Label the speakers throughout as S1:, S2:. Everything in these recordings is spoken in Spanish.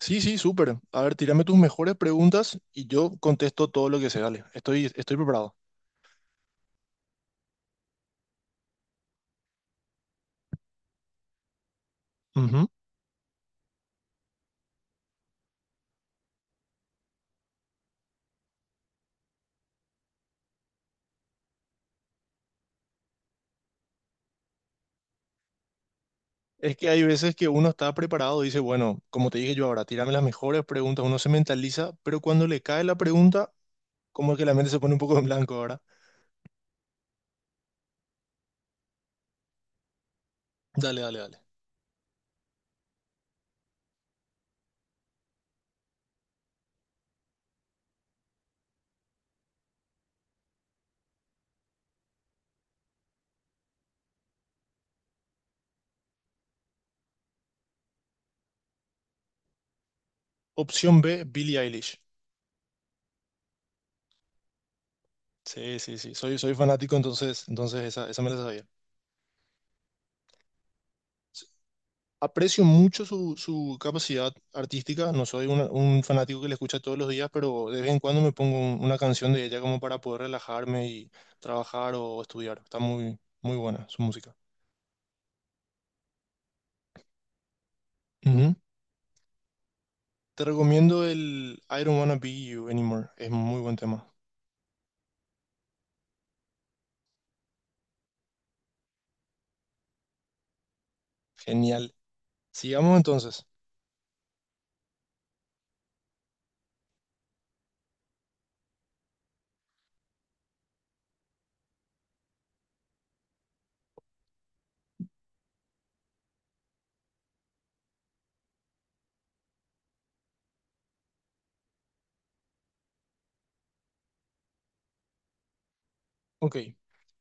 S1: Sí, sí, súper. A ver, tírame tus mejores preguntas y yo contesto todo lo que se Dale, estoy preparado. Ujú. Es que hay veces que uno está preparado y dice, bueno, como te dije yo ahora, tírame las mejores preguntas, uno se mentaliza, pero cuando le cae la pregunta, como que la mente se pone un poco en blanco ahora. Dale, dale, dale. Opción B, Billie Eilish. Sí, sí, sí, soy fanático, entonces esa, esa me la sabía. Aprecio mucho su capacidad artística, no soy una- un fanático que le escucha todos los días, pero de vez en cuando me pongo un- una canción de ella como para poder relajarme y trabajar o estudiar. Está muy, muy buena su música. Ujú. Te recomiendo el I Don't Wanna Be You Anymore, es muy buen tema. Genial. Sigamos entonces. Ok,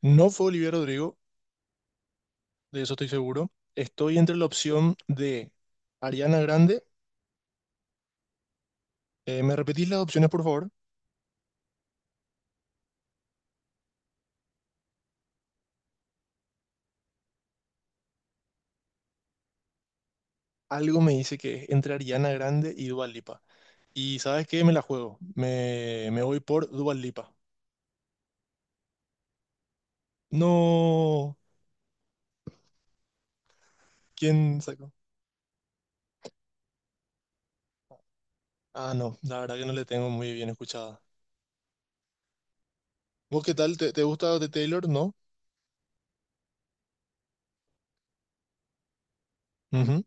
S1: no fue Olivia Rodrigo, de eso estoy seguro. Estoy entre la opción de Ariana Grande. ¿Me repetís las opciones, por favor? Algo me dice que es entre Ariana Grande y Dua Lipa. Y ¿sabes qué? Me la juego. Me voy por Dua Lipa. No. ¿Quién sacó? Ah, no. La verdad que no le tengo muy bien escuchada. ¿Vos qué tal? Te gusta de Taylor? ¿No? Ujú.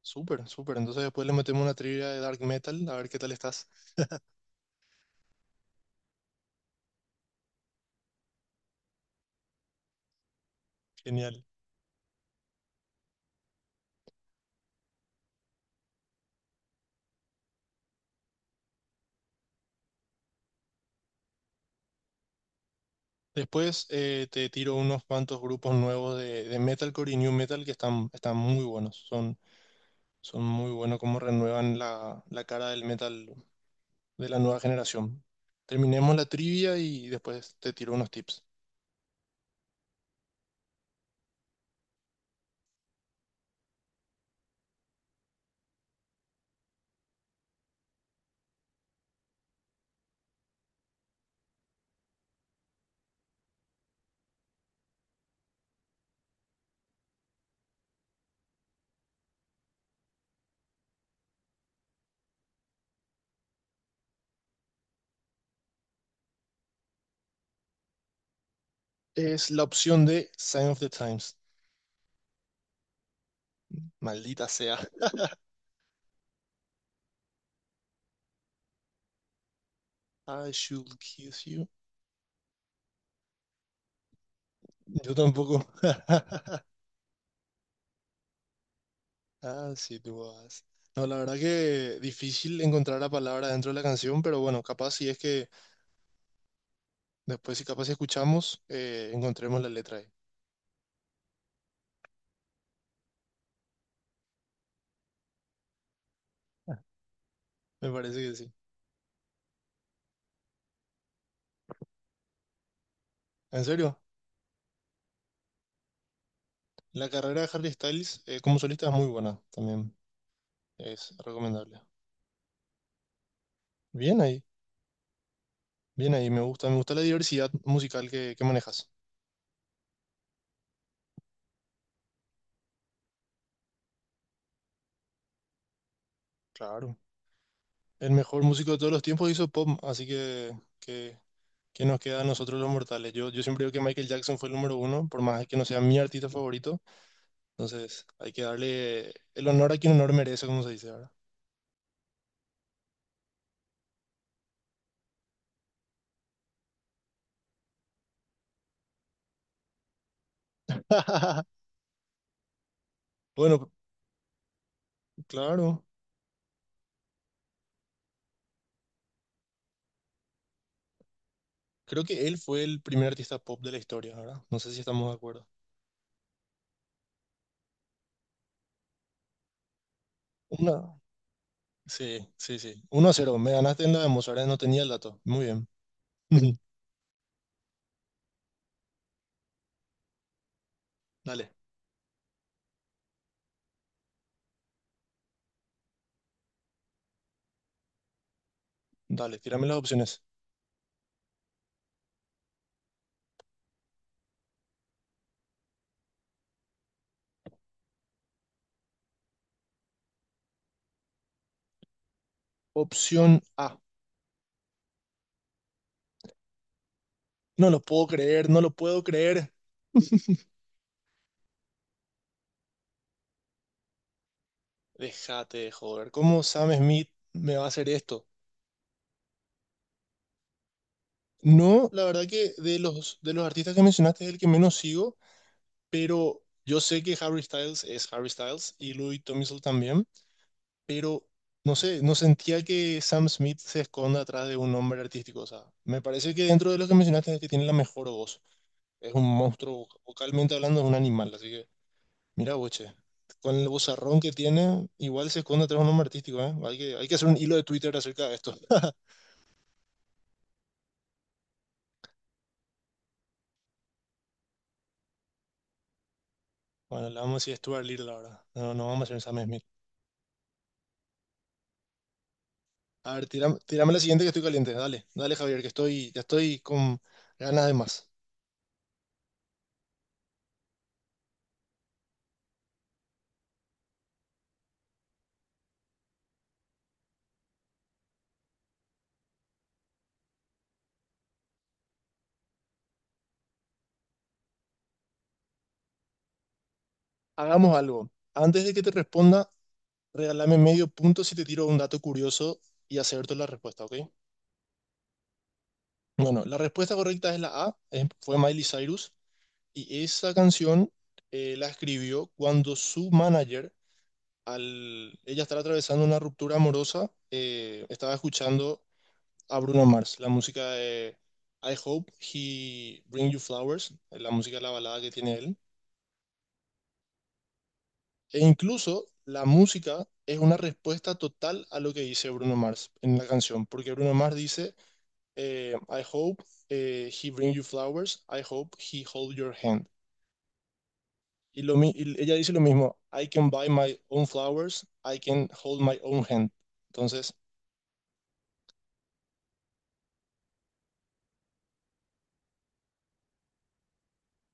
S1: Súper, súper. Entonces después le metemos una trivia de Dark Metal. A ver qué tal estás. Genial. Después te tiro unos cuantos grupos nuevos de Metalcore y New Metal que están muy buenos. Son, son muy buenos como renuevan la, la cara del metal de la nueva generación. Terminemos la trivia y después te tiro unos tips. Es la opción de Sign of the Times. Maldita sea. I should kiss you. Yo tampoco. as it was. No, la verdad que difícil encontrar la palabra dentro de la canción, pero bueno, capaz si es que después, si capaz si escuchamos, encontremos la letra ahí. Me parece que sí. En serio, la carrera de Harry Styles como solista es muy buena también. Es recomendable. Bien ahí, bien ahí. Me gusta la diversidad musical que manejas. Claro. El mejor músico de todos los tiempos hizo pop, así que, que nos queda a nosotros los mortales. Yo siempre digo que Michael Jackson fue el número uno, por más que no sea mi artista favorito. Entonces, hay que darle el honor a quien honor merece, como se dice ahora. Bueno, claro. Creo que él fue el primer artista pop de la historia, ¿verdad? No sé si estamos de acuerdo. Una. Sí, sí, sí. Uno a 0. Me ganaste en la de Mozart, ¿eh? No tenía el dato. Muy bien. Dale, dale, tírame las opciones. Opción A. No lo puedo creer, no lo puedo creer. Déjate de joder. ¿Cómo Sam Smith me va a hacer esto? No, la verdad que de de los artistas que mencionaste es el que menos sigo, pero yo sé que Harry Styles es Harry Styles y Louis Tomlinson también, pero no sé, no sentía que Sam Smith se esconda atrás de un nombre artístico. O sea, me parece que dentro de los que mencionaste es el que tiene la mejor voz. Es un monstruo, voc- vocalmente hablando, es un animal. Así que, mira, boche, con el vozarrón que tiene, igual se esconde atrás de un nombre artístico, ¿eh? Hay hay que hacer un hilo de Twitter acerca de esto. Bueno, le vamos a decir Stuart Little ahora. No, no vamos a hacer Sam Smith. A ver, tírame, tírame la siguiente que estoy caliente. Dale, dale, Javier, que estoy, ya estoy con ganas de más. Hagamos algo. Antes de que te responda, regálame medio punto si te tiro un dato curioso y acierto la respuesta, ¿ok? Bueno, la respuesta correcta es la A, es- fue Miley Cyrus. Y esa canción la escribió cuando su manager, al ella estar atravesando una ruptura amorosa, estaba escuchando a Bruno Mars, la música de I Hope He Bring You Flowers, la música de la balada que tiene él. E incluso la música es una respuesta total a lo que dice Bruno Mars en la canción, porque Bruno Mars dice, I hope he bring you flowers, I hope he hold your hand. Y, lo, mi- y ella dice lo mismo, I can buy my own flowers, I can hold my own hand. Entonces,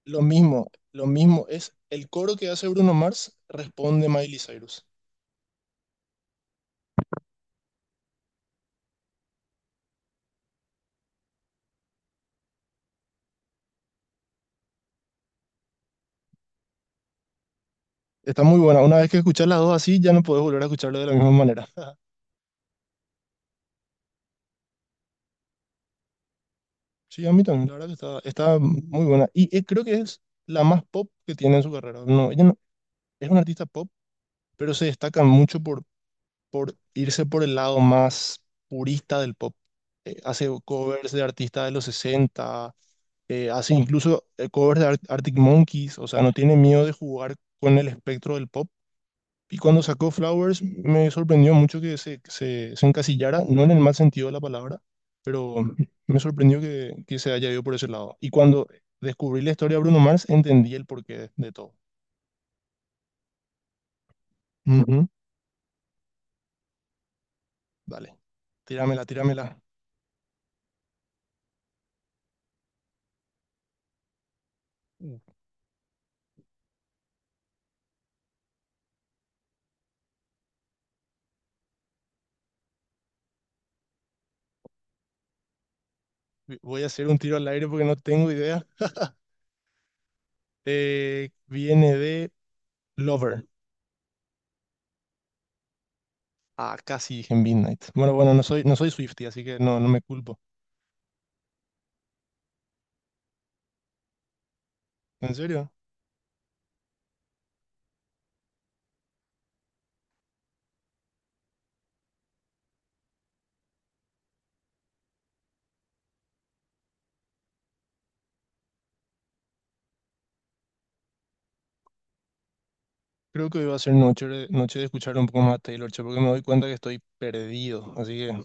S1: lo mismo es el coro que hace Bruno Mars, responde Miley Cyrus. Está muy buena. Una vez que escuchas las dos así, ya no puedes volver a escucharlo de la misma manera. Sí, a mí también, la verdad que está, está muy buena. Y creo que es la más pop que tiene en su carrera. No, ella no- es una artista pop, pero se destaca mucho por irse por el lado más purista del pop. Hace covers de artistas de los 60, hace incluso covers de Ar- Arctic Monkeys, o sea, no tiene miedo de jugar con el espectro del pop. Y cuando sacó Flowers, me sorprendió mucho que se encasillara, no en el mal sentido de la palabra, pero me sorprendió que se haya ido por ese lado. Y cuando descubrí la historia de Bruno Mars, entendí el porqué de todo. Ujú. Dale, tíramela, tíramela. Uh, Voy a hacer un tiro al aire porque no tengo idea. Viene de Lover. Ah, casi dije en Midnight. Bueno, bueno, no soy, no soy Swiftie, así que no, no me culpo. ¿En serio? Creo que hoy va a ser noche de escuchar un poco más a Taylor, che, porque me doy cuenta que estoy perdido. Así que,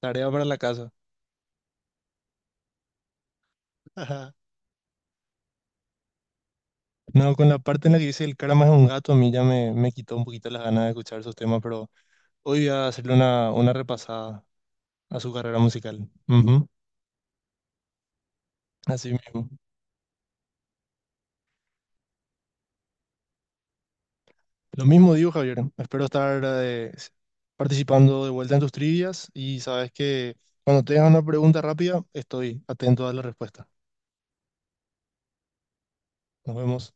S1: tarea para la casa. No, con la parte en la que dice el cara más un gato, a mí ya me quitó un poquito las ganas de escuchar esos temas, pero hoy voy a hacerle una repasada a su carrera musical. Ujú. Así mismo. Lo mismo digo, Javier. Espero estar participando de vuelta en tus trivias y sabes que cuando tengas una pregunta rápida, estoy atento a la respuesta. Nos vemos.